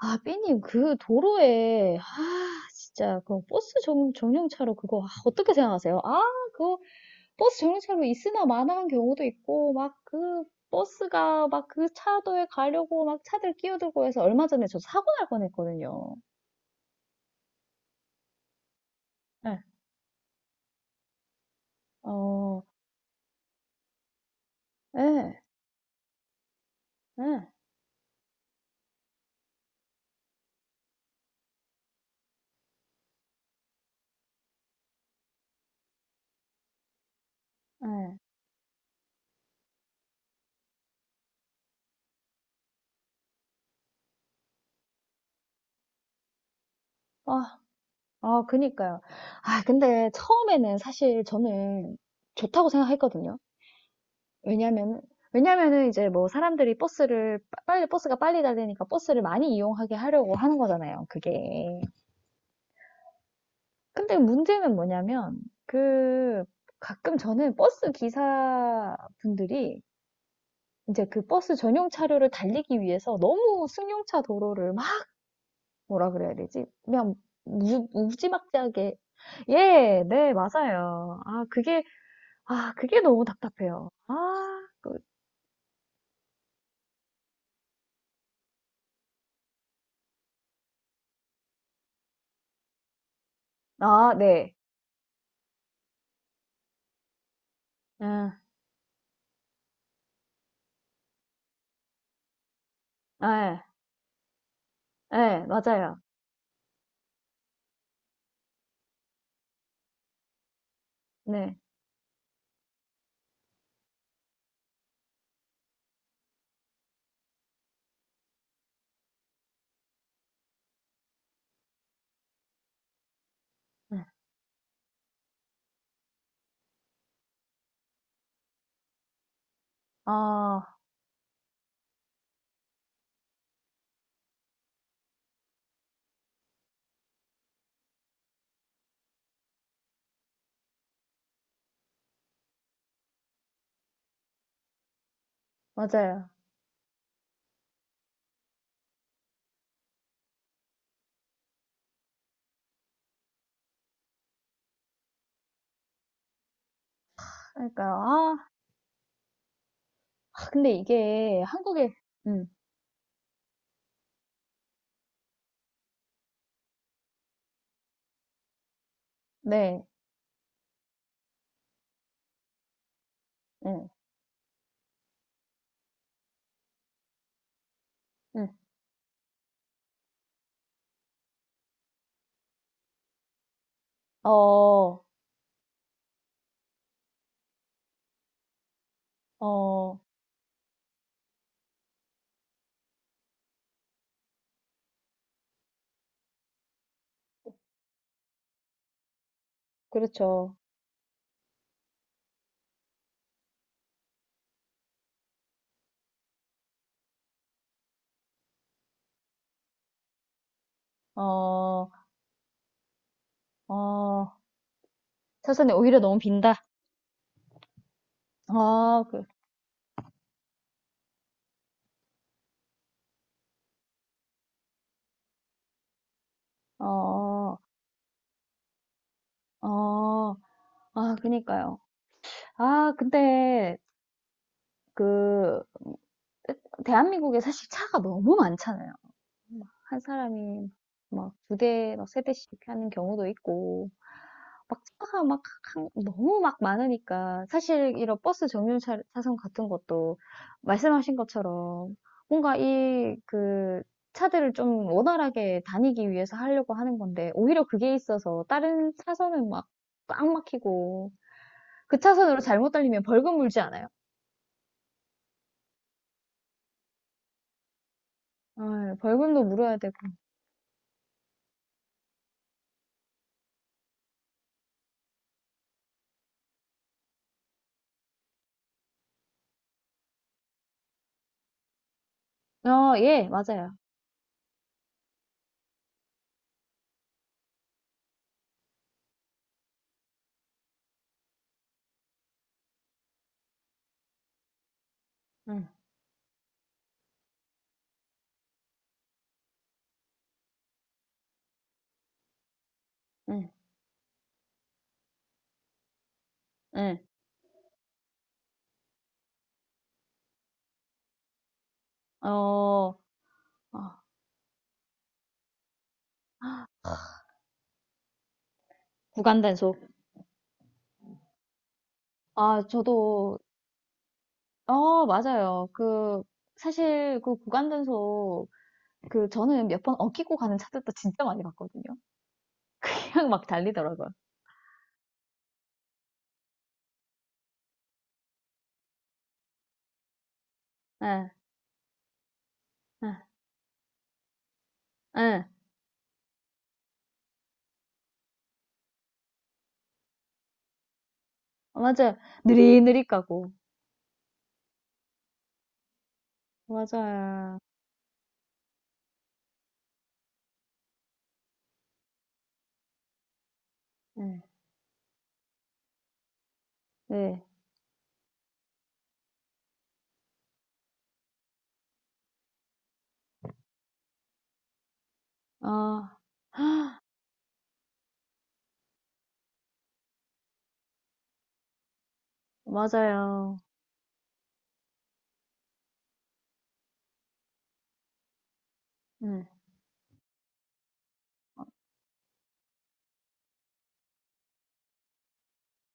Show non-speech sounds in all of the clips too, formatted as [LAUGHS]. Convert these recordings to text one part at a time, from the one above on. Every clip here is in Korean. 아, 삐님, 그 도로에, 아, 진짜, 그 버스 정류차로 그거, 아, 어떻게 생각하세요? 아, 그거, 버스 정류차로 있으나 마나한 경우도 있고, 막 그, 버스가 막 그 차도에 가려고 막 차들 끼어들고 해서 얼마 전에 저 사고 날 뻔했거든요. 예, 어, 예, 예, 예. 아, 아, 그니까요. 아, 근데 처음에는 사실 저는 좋다고 생각했거든요. 왜냐면은, 왜냐면은 이제 뭐 사람들이 버스를, 빨리, 버스가 빨리 달리니까 버스를 많이 이용하게 하려고 하는 거잖아요, 그게. 근데 문제는 뭐냐면, 그, 가끔 저는 버스 기사분들이 이제 그 버스 전용 차로를 달리기 위해서 너무 승용차 도로를 막, 뭐라 그래야 되지? 그냥 무지막지하게. 예, 네, 맞아요. 아, 그게, 아, 그게 너무 답답해요. 아, 그, 아, 네. 응, 네. 예, 맞아요. 네. 네. 아, 맞아요. 그러니까요. 아, 근데 이게 한국에. 음. 네. 음. 음. 어. 어. 그렇죠. 어. 어. 사전에 오히려 너무 빈다. 아, 그, 어, 어, 아, 그니까요. 아, 근데, 그, 대한민국에 사실 차가 너무 많잖아요. 막한 사람이 막 2대, 막 세 대씩 하는 경우도 있고, 막 차가 막 너무 막 많으니까 사실 이런 버스 정류장 차선 같은 것도 말씀하신 것처럼 뭔가 이 그 차들을 좀 원활하게 다니기 위해서 하려고 하는 건데 오히려 그게 있어서 다른 차선은 막 꽉 막히고 그 차선으로 잘못 달리면 벌금 물지 않아요? 아, 벌금도 물어야 되고. 어, 예, 맞아요. 응, 응, 응. 어, 어, 구간 단속. 아, 저도. 어, 맞아요. 그, 사실 그 구간단속, 그, 저는 몇 번 엉키고 가는 차들도 진짜 많이 봤거든요. [LAUGHS] 그냥 막 달리더라고요. 예, 예, 예. 어, 맞아요. 느릿느릿 가고. 맞아요. 예, 네. 아, 맞아요. 예,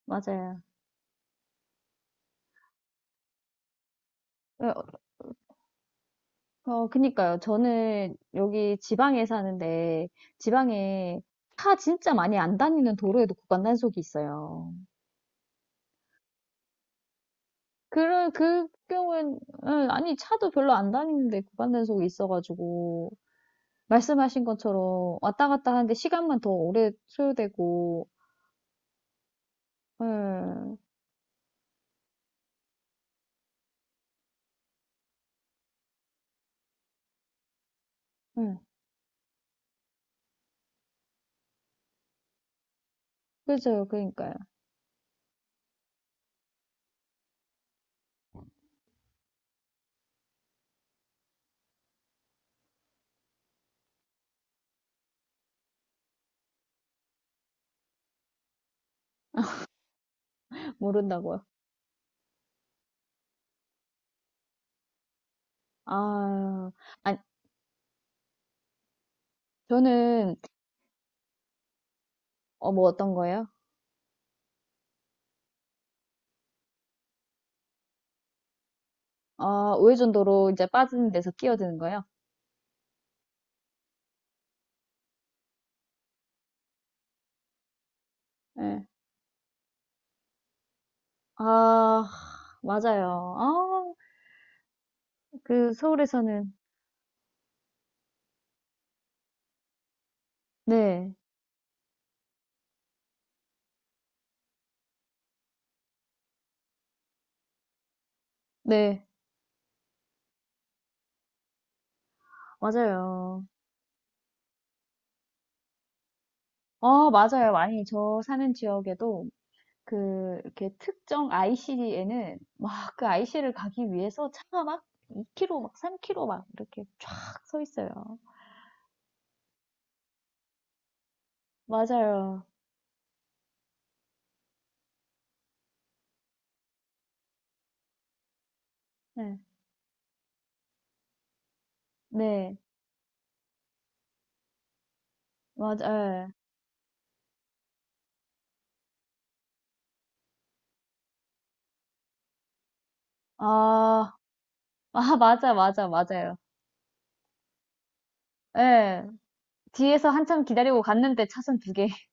맞아요. 예, 어, 어, 그니까요. 저는 여기 지방에 사는데, 지방에 차 진짜 많이 안 다니는 도로에도 구간단속이 있어요. 그 경우엔, 예, 아니, 차도 별로 안 다니는데 구간 단속이 있어가지고 말씀하신 것처럼 왔다 갔다 하는데 시간만 더 오래 소요되고. 응. 응. 그죠, 그러니까요. 모른다고요? 아, 아니, 저는. 어, 뭐 어떤 거예요? 아, 우회전도로 이제 빠지는 데서 끼어드는 거예요? 예. 아, 맞아요. 아, 그 서울에서는. 네. 네. 맞아요. 아, 맞아요. 많이 저 사는 지역에도 그 이렇게 특정 IC에는 막 그 IC를 가기 위해서 차가 막 2km 막 3km 막 이렇게 쫙 서 있어요. 맞아요. 네. 네. 맞아요. 아, 아, 맞아, 맞아, 맞아요. 예. 뒤에서 한참 기다리고 갔는데 차선 2개. [LAUGHS]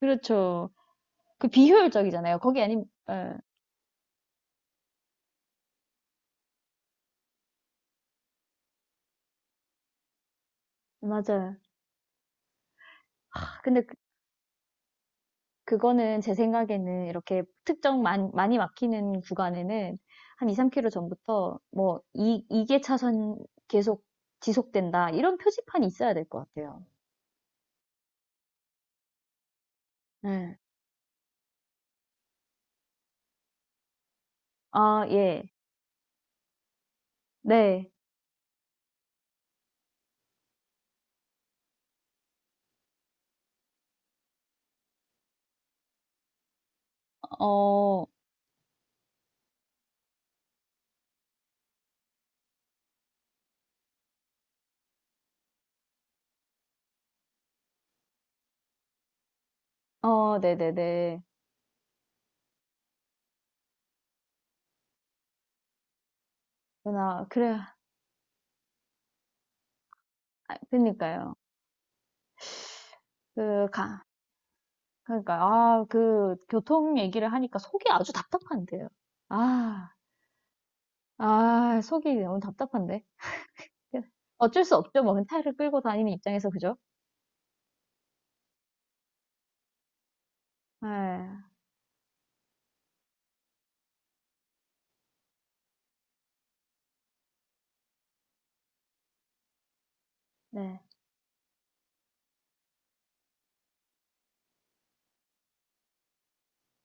그렇죠. 그 비효율적이잖아요. 거기 아니, 예. 맞아요. 근데 그거는 제 생각에는 이렇게 특정 많이 막히는 구간에는 한 2, 3km 전부터 뭐 이 개 차선 계속 지속된다. 이런 표지판이 있어야 될 것 같아요. 네. 아, 예. 네. 어, 어, 네네네. 그래. 아, 그니까요. 그, 그러니까, 아, 그, 교통 얘기를 하니까 속이 아주 답답한데요. 아, 아, 속이 너무 답답한데. 그, 어쩔 수 없죠. 뭐, 타이를 끌고 다니는 입장에서, 그죠? 네. 네.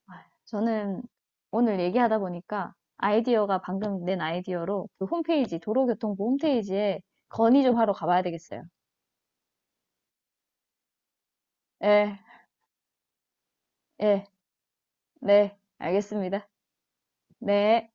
아, 저는 오늘 얘기하다 보니까 아이디어가, 방금 낸 아이디어로, 그 홈페이지, 도로교통부 홈페이지에 건의 좀 하러 가봐야 되겠어요. 예, 예, 네, 알겠습니다. 네.